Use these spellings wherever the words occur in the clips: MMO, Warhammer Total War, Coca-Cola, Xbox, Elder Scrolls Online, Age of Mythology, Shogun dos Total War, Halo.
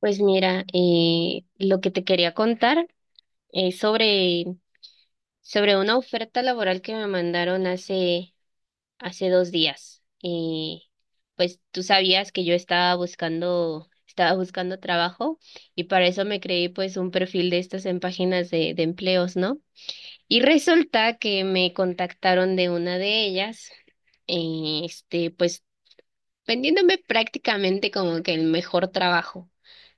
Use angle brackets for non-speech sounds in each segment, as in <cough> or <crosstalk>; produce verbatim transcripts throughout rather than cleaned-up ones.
Pues mira, eh, lo que te quería contar es sobre, sobre una oferta laboral que me mandaron hace, hace dos días. Eh, pues tú sabías que yo estaba buscando, estaba buscando trabajo y para eso me creí pues un perfil de estas en páginas de, de empleos, ¿no? Y resulta que me contactaron de una de ellas. Eh, Este, pues vendiéndome prácticamente como que el mejor trabajo.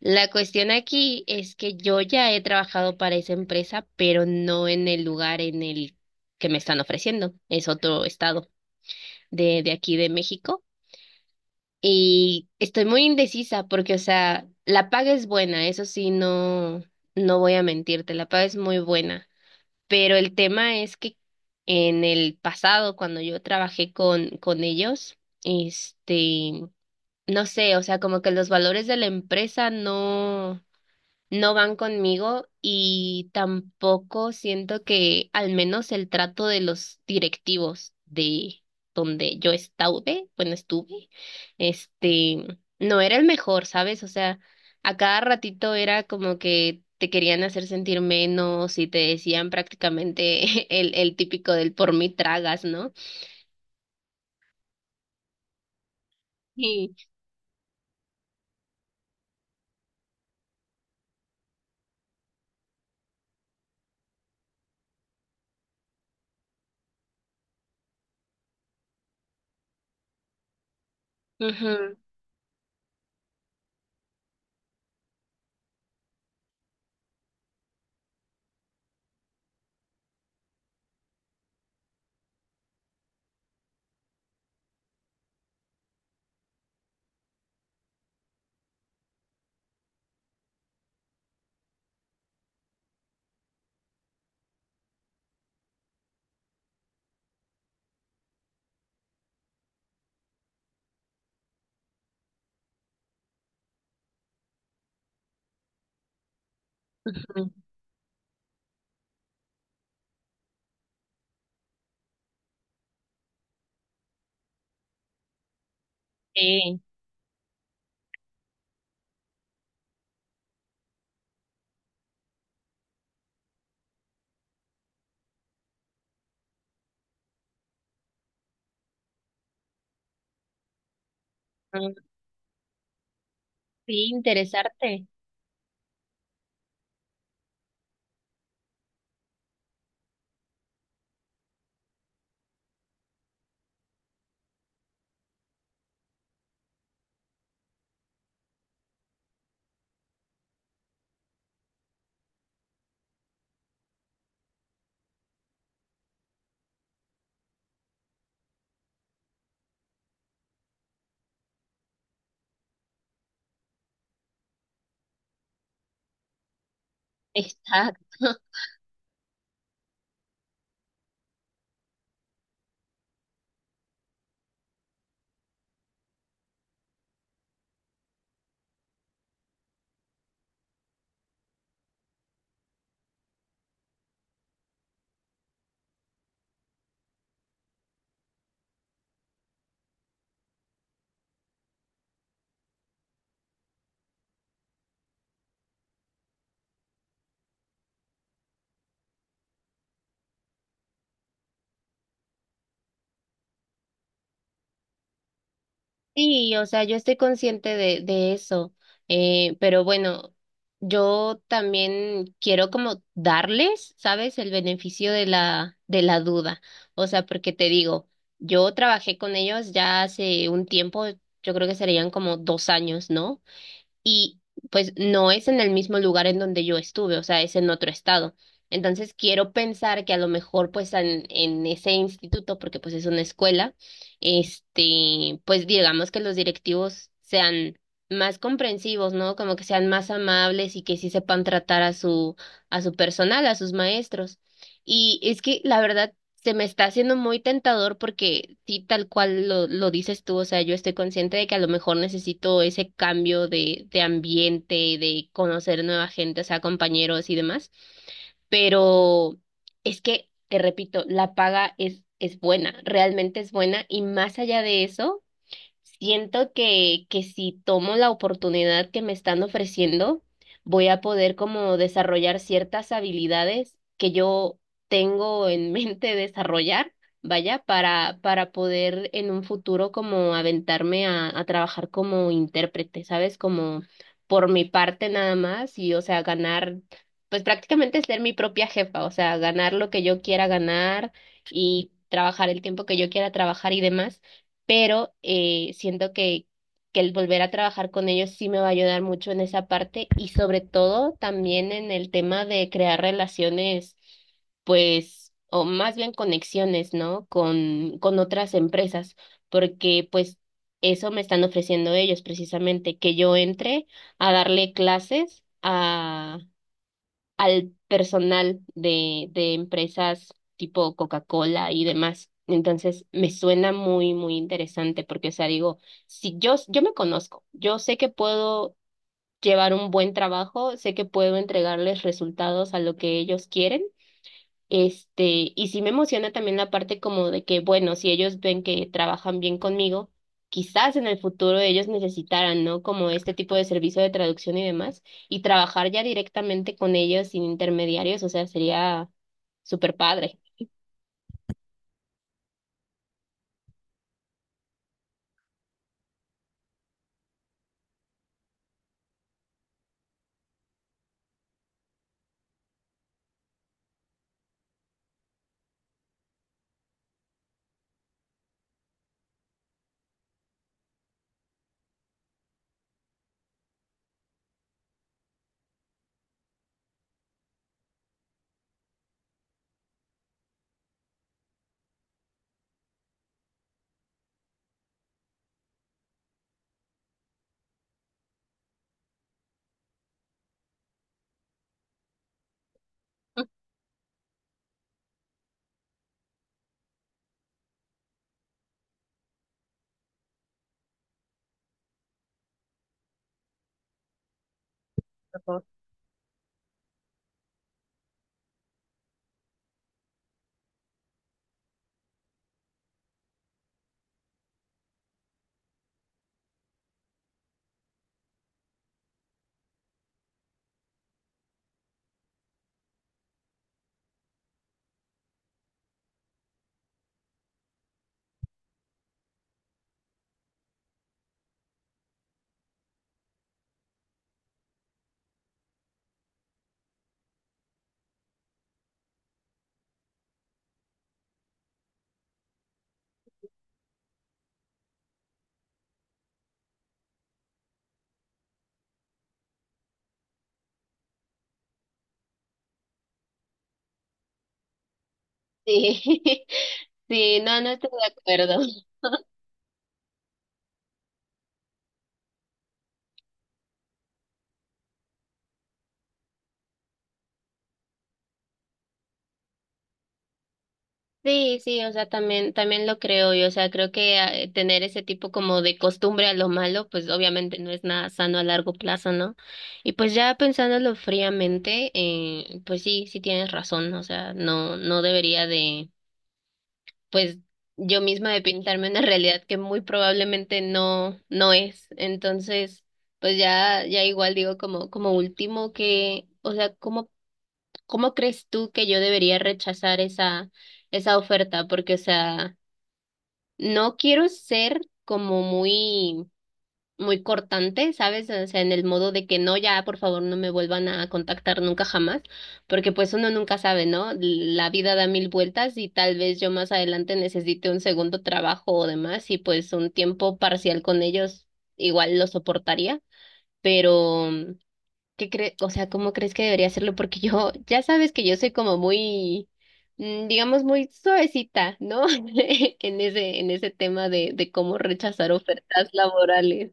La cuestión aquí es que yo ya he trabajado para esa empresa, pero no en el lugar en el que me están ofreciendo. Es otro estado de, de aquí de México. Y estoy muy indecisa porque, o sea, la paga es buena, eso sí, no, no voy a mentirte, la paga es muy buena. Pero el tema es que en el pasado, cuando yo trabajé con, con ellos, este no sé, o sea, como que los valores de la empresa no, no van conmigo y tampoco siento que al menos el trato de los directivos de donde yo estuve, bueno, estuve, este, no era el mejor, ¿sabes? O sea, a cada ratito era como que te querían hacer sentir menos y te decían prácticamente <laughs> el, el típico del por mí tragas, ¿no? Sí. Ujú, ujú. Sí. Sí, interesarte. Exacto. <laughs> Sí, o sea, yo estoy consciente de, de eso, eh, pero bueno, yo también quiero como darles, ¿sabes? El beneficio de la, de la duda. O sea, porque te digo, yo trabajé con ellos ya hace un tiempo, yo creo que serían como dos años, ¿no? Y pues no es en el mismo lugar en donde yo estuve, o sea, es en otro estado. Entonces quiero pensar que a lo mejor pues en, en ese instituto, porque pues es una escuela, este, pues digamos que los directivos sean más comprensivos, ¿no? Como que sean más amables y que sí sepan tratar a su, a su personal, a sus maestros. Y es que la verdad se me está haciendo muy tentador porque sí, tal cual lo, lo dices tú, o sea, yo estoy consciente de que a lo mejor necesito ese cambio de, de ambiente, de conocer nueva gente, o sea, compañeros y demás, pero es que, te repito, la paga es, es buena, realmente es buena y más allá de eso. Siento que, que si tomo la oportunidad que me están ofreciendo, voy a poder como desarrollar ciertas habilidades que yo tengo en <laughs> mente desarrollar, vaya, para, para poder en un futuro como aventarme a, a trabajar como intérprete, ¿sabes? Como por mi parte nada más y, o sea, ganar, pues prácticamente ser mi propia jefa, o sea, ganar lo que yo quiera ganar y trabajar el tiempo que yo quiera trabajar y demás, pero eh, siento que, que el volver a trabajar con ellos sí me va a ayudar mucho en esa parte y sobre todo también en el tema de crear relaciones, pues, o más bien conexiones, ¿no? Con, con otras empresas, porque pues eso me están ofreciendo ellos precisamente, que yo entre a darle clases al personal de, de empresas tipo Coca-Cola y demás. Entonces, me suena muy, muy interesante porque, o sea, digo, si yo, yo me conozco, yo sé que puedo llevar un buen trabajo, sé que puedo entregarles resultados a lo que ellos quieren. Este, y sí me emociona también la parte como de que, bueno, si ellos ven que trabajan bien conmigo, quizás en el futuro ellos necesitaran, ¿no? Como este tipo de servicio de traducción y demás, y trabajar ya directamente con ellos sin intermediarios, o sea, sería súper padre. Ujú. Sí, <laughs> sí, no, no estoy de acuerdo. Sí, sí, o sea, también, también lo creo yo, o sea, creo que ah, eh, tener ese tipo como de costumbre a lo malo, pues obviamente no es nada sano a largo plazo, ¿no? Y pues ya pensándolo fríamente, eh, pues sí, sí tienes razón, o sea, no, no debería de, pues yo misma de pintarme una realidad que muy probablemente no, no es. Entonces, pues ya, ya igual digo como, como último que, o sea, ¿cómo, ¿cómo crees tú que yo debería rechazar esa, esa oferta? Porque, o sea, no quiero ser como muy, muy cortante, ¿sabes? O sea, en el modo de que no, ya, por favor, no me vuelvan a contactar nunca jamás, porque pues uno nunca sabe, ¿no? La vida da mil vueltas y tal vez yo más adelante necesite un segundo trabajo o demás y pues un tiempo parcial con ellos igual lo soportaría, pero ¿qué crees, o sea, cómo crees que debería hacerlo? Porque yo, <laughs> ya sabes que yo soy como muy, mm, digamos, muy suavecita, ¿no? <laughs> En ese, en ese tema de, de cómo rechazar ofertas laborales.